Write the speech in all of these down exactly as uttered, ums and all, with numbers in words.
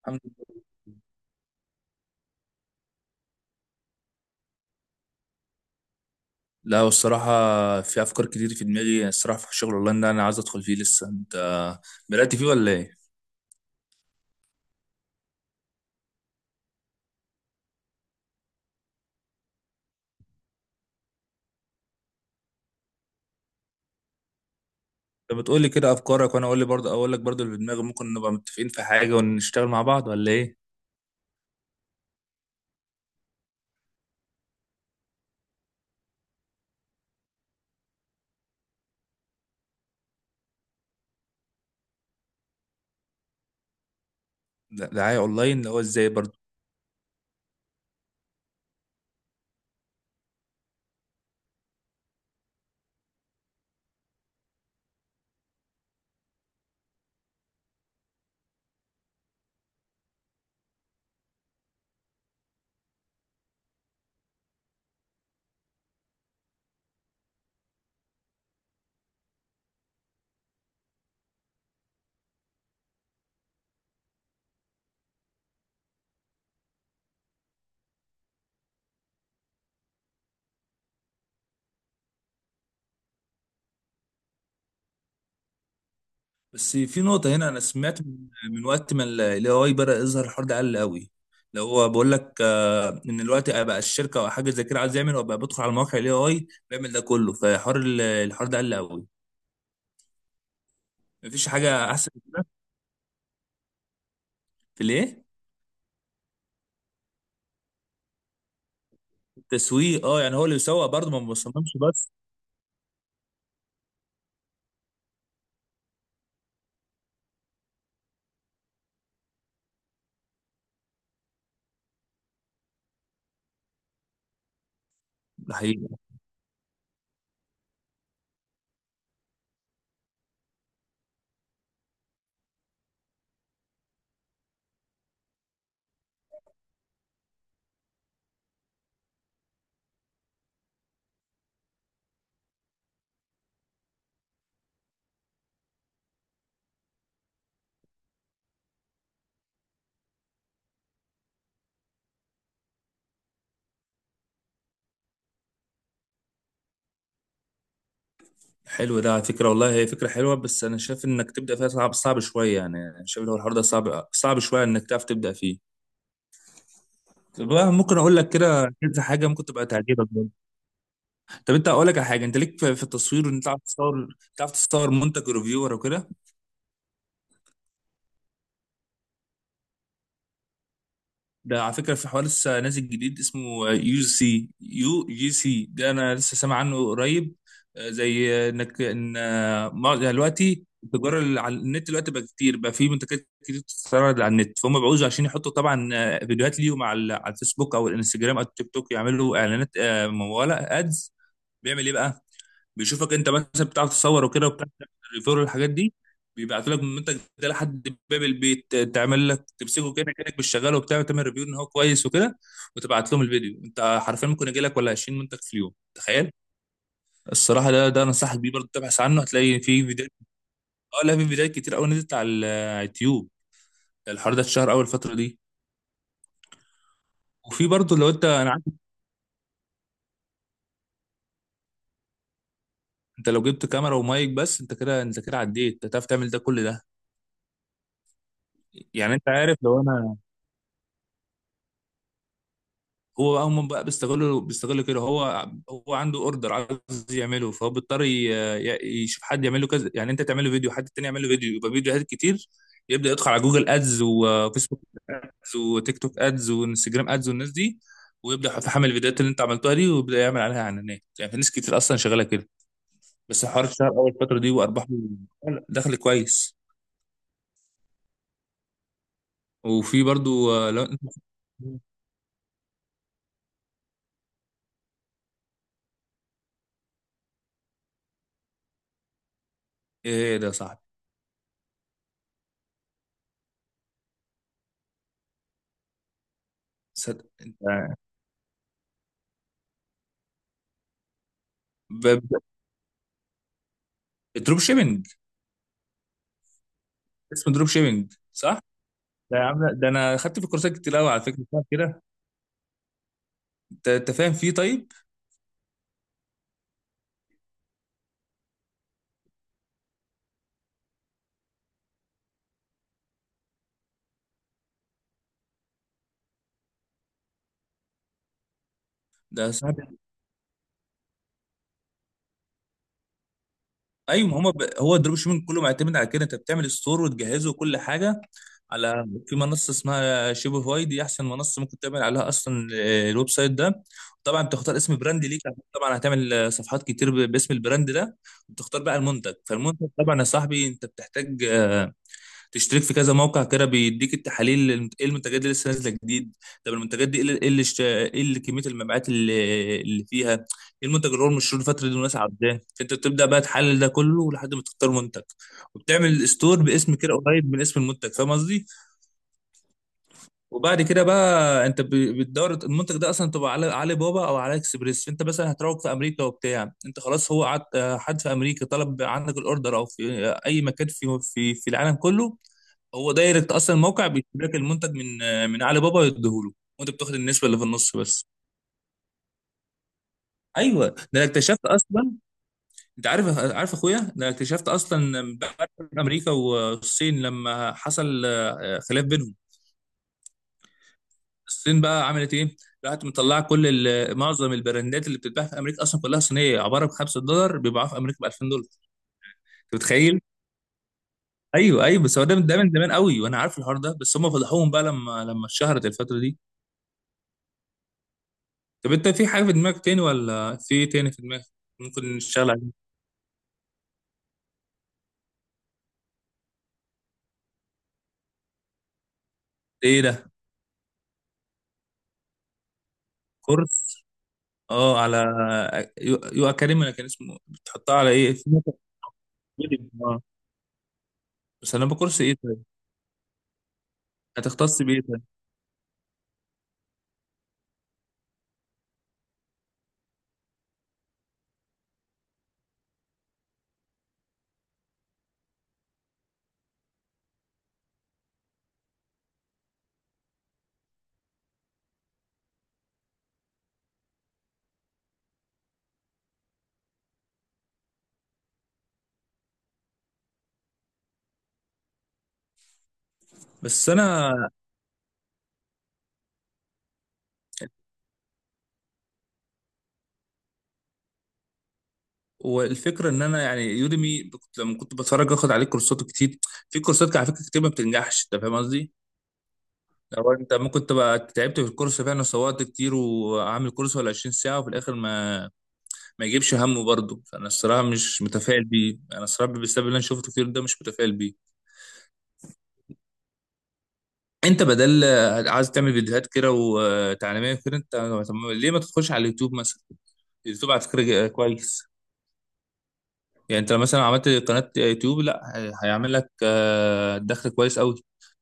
الحمد لله. لا، والصراحة في أفكار كتير في دماغي، يعني الصراحة في شغل أونلاين ده أنا عايز أدخل فيه لسه. أنت بدأت فيه ولا إيه؟ أنت بتقول لي كده أفكارك، وأنا أقول لي برضه أقول لك برضه اللي في دماغي، ممكن نبقى متفقين في حاجة ونشتغل مع بعض ولا إيه؟ ده- دعاية أونلاين اللي هو إزاي برضه. بس في نقطة هنا، أنا سمعت من من وقت ما ال إيه آي بدأ يظهر الحوار ده قل قوي. اللي هو بقول لك آه، إن الوقت بقى الشركة أو حاجة زي كده عايز يعمل، وبقى بدخل على مواقع ال إيه آي بيعمل ده كله. فحوار ال- الحوار ده قل قوي. مفيش حاجة أحسن من كده. في الإيه؟ تسويق، اه، يعني هو اللي بيسوق برضه ما بصممش بس. ده حقيقي. حلو ده على فكره، والله هي فكره حلوه، بس انا شايف انك تبدا فيها صعب صعب شويه، يعني أنا شايف إن هو الحوار ده صعب صعب شويه انك تعرف تبدا فيه. طب بقى ممكن اقول لك كده كذا حاجه ممكن تبقى تعجبك برضه. طب انت اقول لك على حاجه، انت ليك في في التصوير، وان انت تعرف تصور، تعرف تصور منتج ريفيور وكده. ده على فكرة في حوار لسه نازل جديد اسمه يو سي يو جي سي، ده أنا لسه سامع عنه قريب. آه، زي آه، إنك إن آه، مع- يعني دلوقتي التجارة اللي على النت دلوقتي بقى كتير بقى، في منتجات كتير بتتعرض على النت، فهم بيعوزوا عشان يحطوا طبعا آه، فيديوهات ليهم على ال- على الفيسبوك أو الانستجرام أو التيك توك، يعملوا إعلانات آه، ممولة أدز. بيعمل إيه بقى؟ بيشوفك انت مثلا بتعرف تصور وكده، وبتعرف الريفير والحاجات دي. بيبعتوا لك المنتج ده لحد باب البيت، تعمل لك، تمسكه كده كانك مش شغال وبتاع، تعمل ريفيو ان هو كويس وكده، وتبعت لهم الفيديو. انت حرفيا ممكن يجي لك ولا عشرين منتج في اليوم، تخيل. الصراحه ده ده انصحك بيه برضه، تبحث عنه هتلاقي في فيديوهات. اه لا في فيديوهات كتير قوي نزلت على ال- على اليوتيوب. الحوار ده اتشهر اول الفتره دي. وفي برضه لو انت، انا عارف، انت لو جبت كاميرا ومايك بس، انت كده، انت كده عديت، انت هتعرف تعمل ده كل ده. يعني انت عارف لو انا، هو بقى هم بقى بيستغلوا بيستغلوا كده، هو هو عنده اوردر عايز يعمله، فهو بيضطر ي- ي- يشوف حد يعمل له كذا، يعني انت تعمل له فيديو، حد تاني يعمل له فيديو، يبقى فيديوهات كتير. يبدا يدخل على جوجل ادز وفيسبوك ادز وتيك توك ادز وانستجرام ادز والناس دي، ويبدا يتحمل الفيديوهات اللي انت عملتها دي ويبدا يعمل عليها اعلانات. يعني في ناس كتير اصلا شغاله كده. بس الحوار اشتهر اول فتره دي وارباحه دخل كويس. وفي برضو آه، لو انت، ايه ده، صح، صدق انت. ب- ب- دروب شيبنج. اسمه دروب شيبنج صح؟ ده يا عم لا، ده انا خدت في كورسات كتير قوي على فكره بتاع كده. انت انت فاهم فيه طيب. ده سمعت. ايوه ما هو ب... هو الدروب شيبنج كله معتمد على كده، انت بتعمل ستور وتجهزه وكل حاجه، على، في منصه اسمها شوبيفاي، دي احسن منصه ممكن تعمل عليها اصلا آه، الويب سايت ده. طبعا بتختار اسم براند ليك، عشان طبعا هتعمل آه، صفحات كتير ب- باسم البراند ده. وتختار بقى المنتج، فالمنتج طبعا يا صاحبي انت بتحتاج تشترك في كذا موقع كده بيديك التحاليل للمت- ايه المنتجات اللي لسه نازله جديد. طب المنتجات دي ايه اللي ايه اللي اشت- إيه اللي كميه المبيعات اللي اللي فيها، ايه المنتج اللي هو المشهور الفتره دي والناس عايزاه. انت بتبدا بقى تحلل ده كله لحد ما تختار منتج، وبتعمل ستور باسم كده قريب من اسم المنتج، فاهم قصدي. وبعد كده بقى انت ب- بتدور المنتج ده اصلا تبقى على علي بابا او على اكسبريس. انت مثلا هتروج في امريكا وبتاع، انت خلاص هو قعد، آه، حد في امريكا طلب عندك الاوردر، او في آه، اي مكان في في في العالم كله، هو دايركت اصلا الموقع بيشتري لك المنتج من من علي بابا يديهوله، وانت بتاخد النسبه اللي في النص بس. ايوه ده انا اكتشفت اصلا، انت عارف، عارف اخويا ده، أنا اكتشفت اصلا بعد امريكا والصين لما حصل آه، خلاف بينهم، الصين بقى عملت ايه، راحت مطلعه كل ال- معظم البراندات اللي بتتباع في امريكا اصلا كلها صينيه، عباره ب خمسة دولار بيباعوها في امريكا ب ألفين دولار، انت متخيل؟ ايوه ايوه بس هو ده من، ده من زمان قوي وانا عارف الحوار ده، بس هم فضحوهم بقى لما لما اتشهرت الفتره دي. طب انت في حاجه في دماغك تاني، ولا في إيه تاني في دماغك ممكن نشتغل عليه؟ ايه ده، كورس. اه على، يو, يو اكاديمي، ولا كان اسمه، بتحطها على ايه، في موقع فيديو. اه. بس انا بكورس ايه طيب، هتختص بايه طيب؟ بس انا والفكره ان انا يعني يوديمي، كنت لما كنت بتفرج اخد عليه كورسات كتير. في كورسات على فكره كتير ما بتنجحش، انت فاهم قصدي. لو انت ممكن تبقى تعبت في الكورس فعلا وصورت كتير وعامل كورس ولا عشرين ساعة ساعه، وفي الاخر ما ما يجيبش همه برضه، فانا الصراحه مش متفائل بيه، انا الصراحه بسبب اللي انا شفته كتير ده مش متفائل بيه. انت بدل، عايز تعمل فيديوهات كده وتعليميه كده انت، طب ليه ما تدخلش على اليوتيوب مثلا؟ اليوتيوب على فكره جا- كويس. يعني انت لو مثلا عملت قناة يوتيوب لا، هي- هيعمل لك آه، دخل كويس قوي.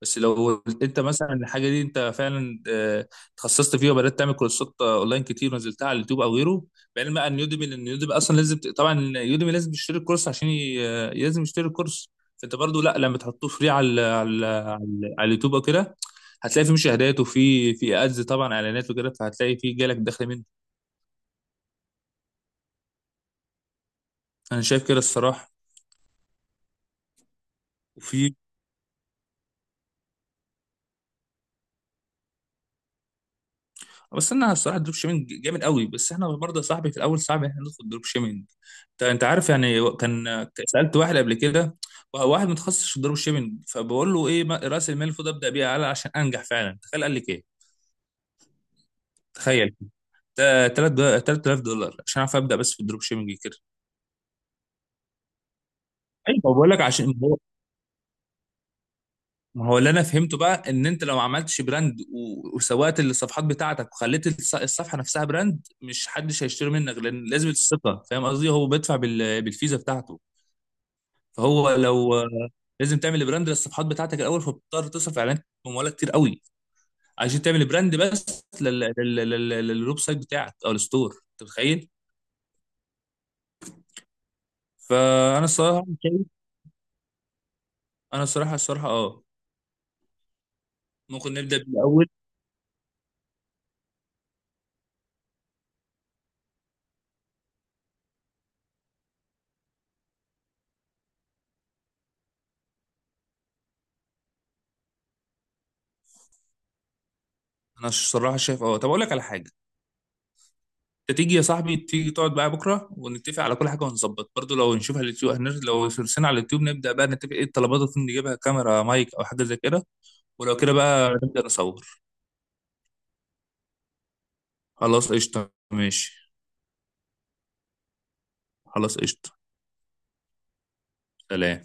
بس لو انت مثلا الحاجة دي انت فعلا آه، اتخصصت فيها وبدأت تعمل كورسات آه، اونلاين كتير ونزلتها على اليوتيوب او غيره، بعلم ان يوديمي، لان يوديمي اصلا لازم ت- طبعا يوديمي لازم يشتري الكورس عشان ي- آه، لازم يشتري الكورس. فانت برضو لا لما تحطوه فري على ال- على ال- على ال- على اليوتيوب او كده، هتلاقي فيه مشاهدات وفي في ادز طبعا اعلانات وكده، فهتلاقي فيه جالك دخل منه. انا شايف كده الصراحة. وفي، بس انا الصراحه الدروب شيبنج جامد قوي، بس احنا برضه يا صاحبي في الاول صعب احنا ندخل دروب شيبنج. انت انت عارف يعني، كان سالت واحد قبل كده، واحد متخصص في الدروب شيبنج، فبقول له ايه ما- راس المال المفروض ابدا بيه اعلى عشان انجح فعلا، تخيل قال لك ايه، تخيل ده تلات آلاف دولار عشان اعرف ابدا بس في الدروب شيبنج كده. ايوه بقول لك عشان، ما هو ما هو اللي انا فهمته بقى، ان انت لو ما عملتش براند و- وسوقت الصفحات بتاعتك وخليت الص- الصفحه نفسها براند، مش حدش هيشتري منك لان لازم الثقه، فاهم قصدي، هو بيدفع بال- بالفيزا بتاعته. فهو لو، لازم تعمل براند للصفحات بتاعتك الاول، فبتضطر تصرف اعلان بمبالغ كتير قوي عشان تعمل براند بس لل- لل- لل- لل- للويب سايت بتاعك او الستور، انت متخيل. فانا الصراحه شايف، انا الصراحه الصراحه اه، ممكن نبدا بالاول. انا الصراحه شايف اه، طب اقول لك على حاجه، انت تيجي يا صاحبي، تيجي تقعد بقى بكره ونتفق على كل حاجه، ونظبط برضو لو نشوف على اليوتيوب هنر- لو سرسنا على اليوتيوب، نبدا بقى نتفق ايه الطلبات اللي ممكن نجيبها، كاميرا، مايك، او حاجه زي كده. ولو كده بقى نبدا نصور. خلاص قشطه ماشي. خلاص قشطه. سلام.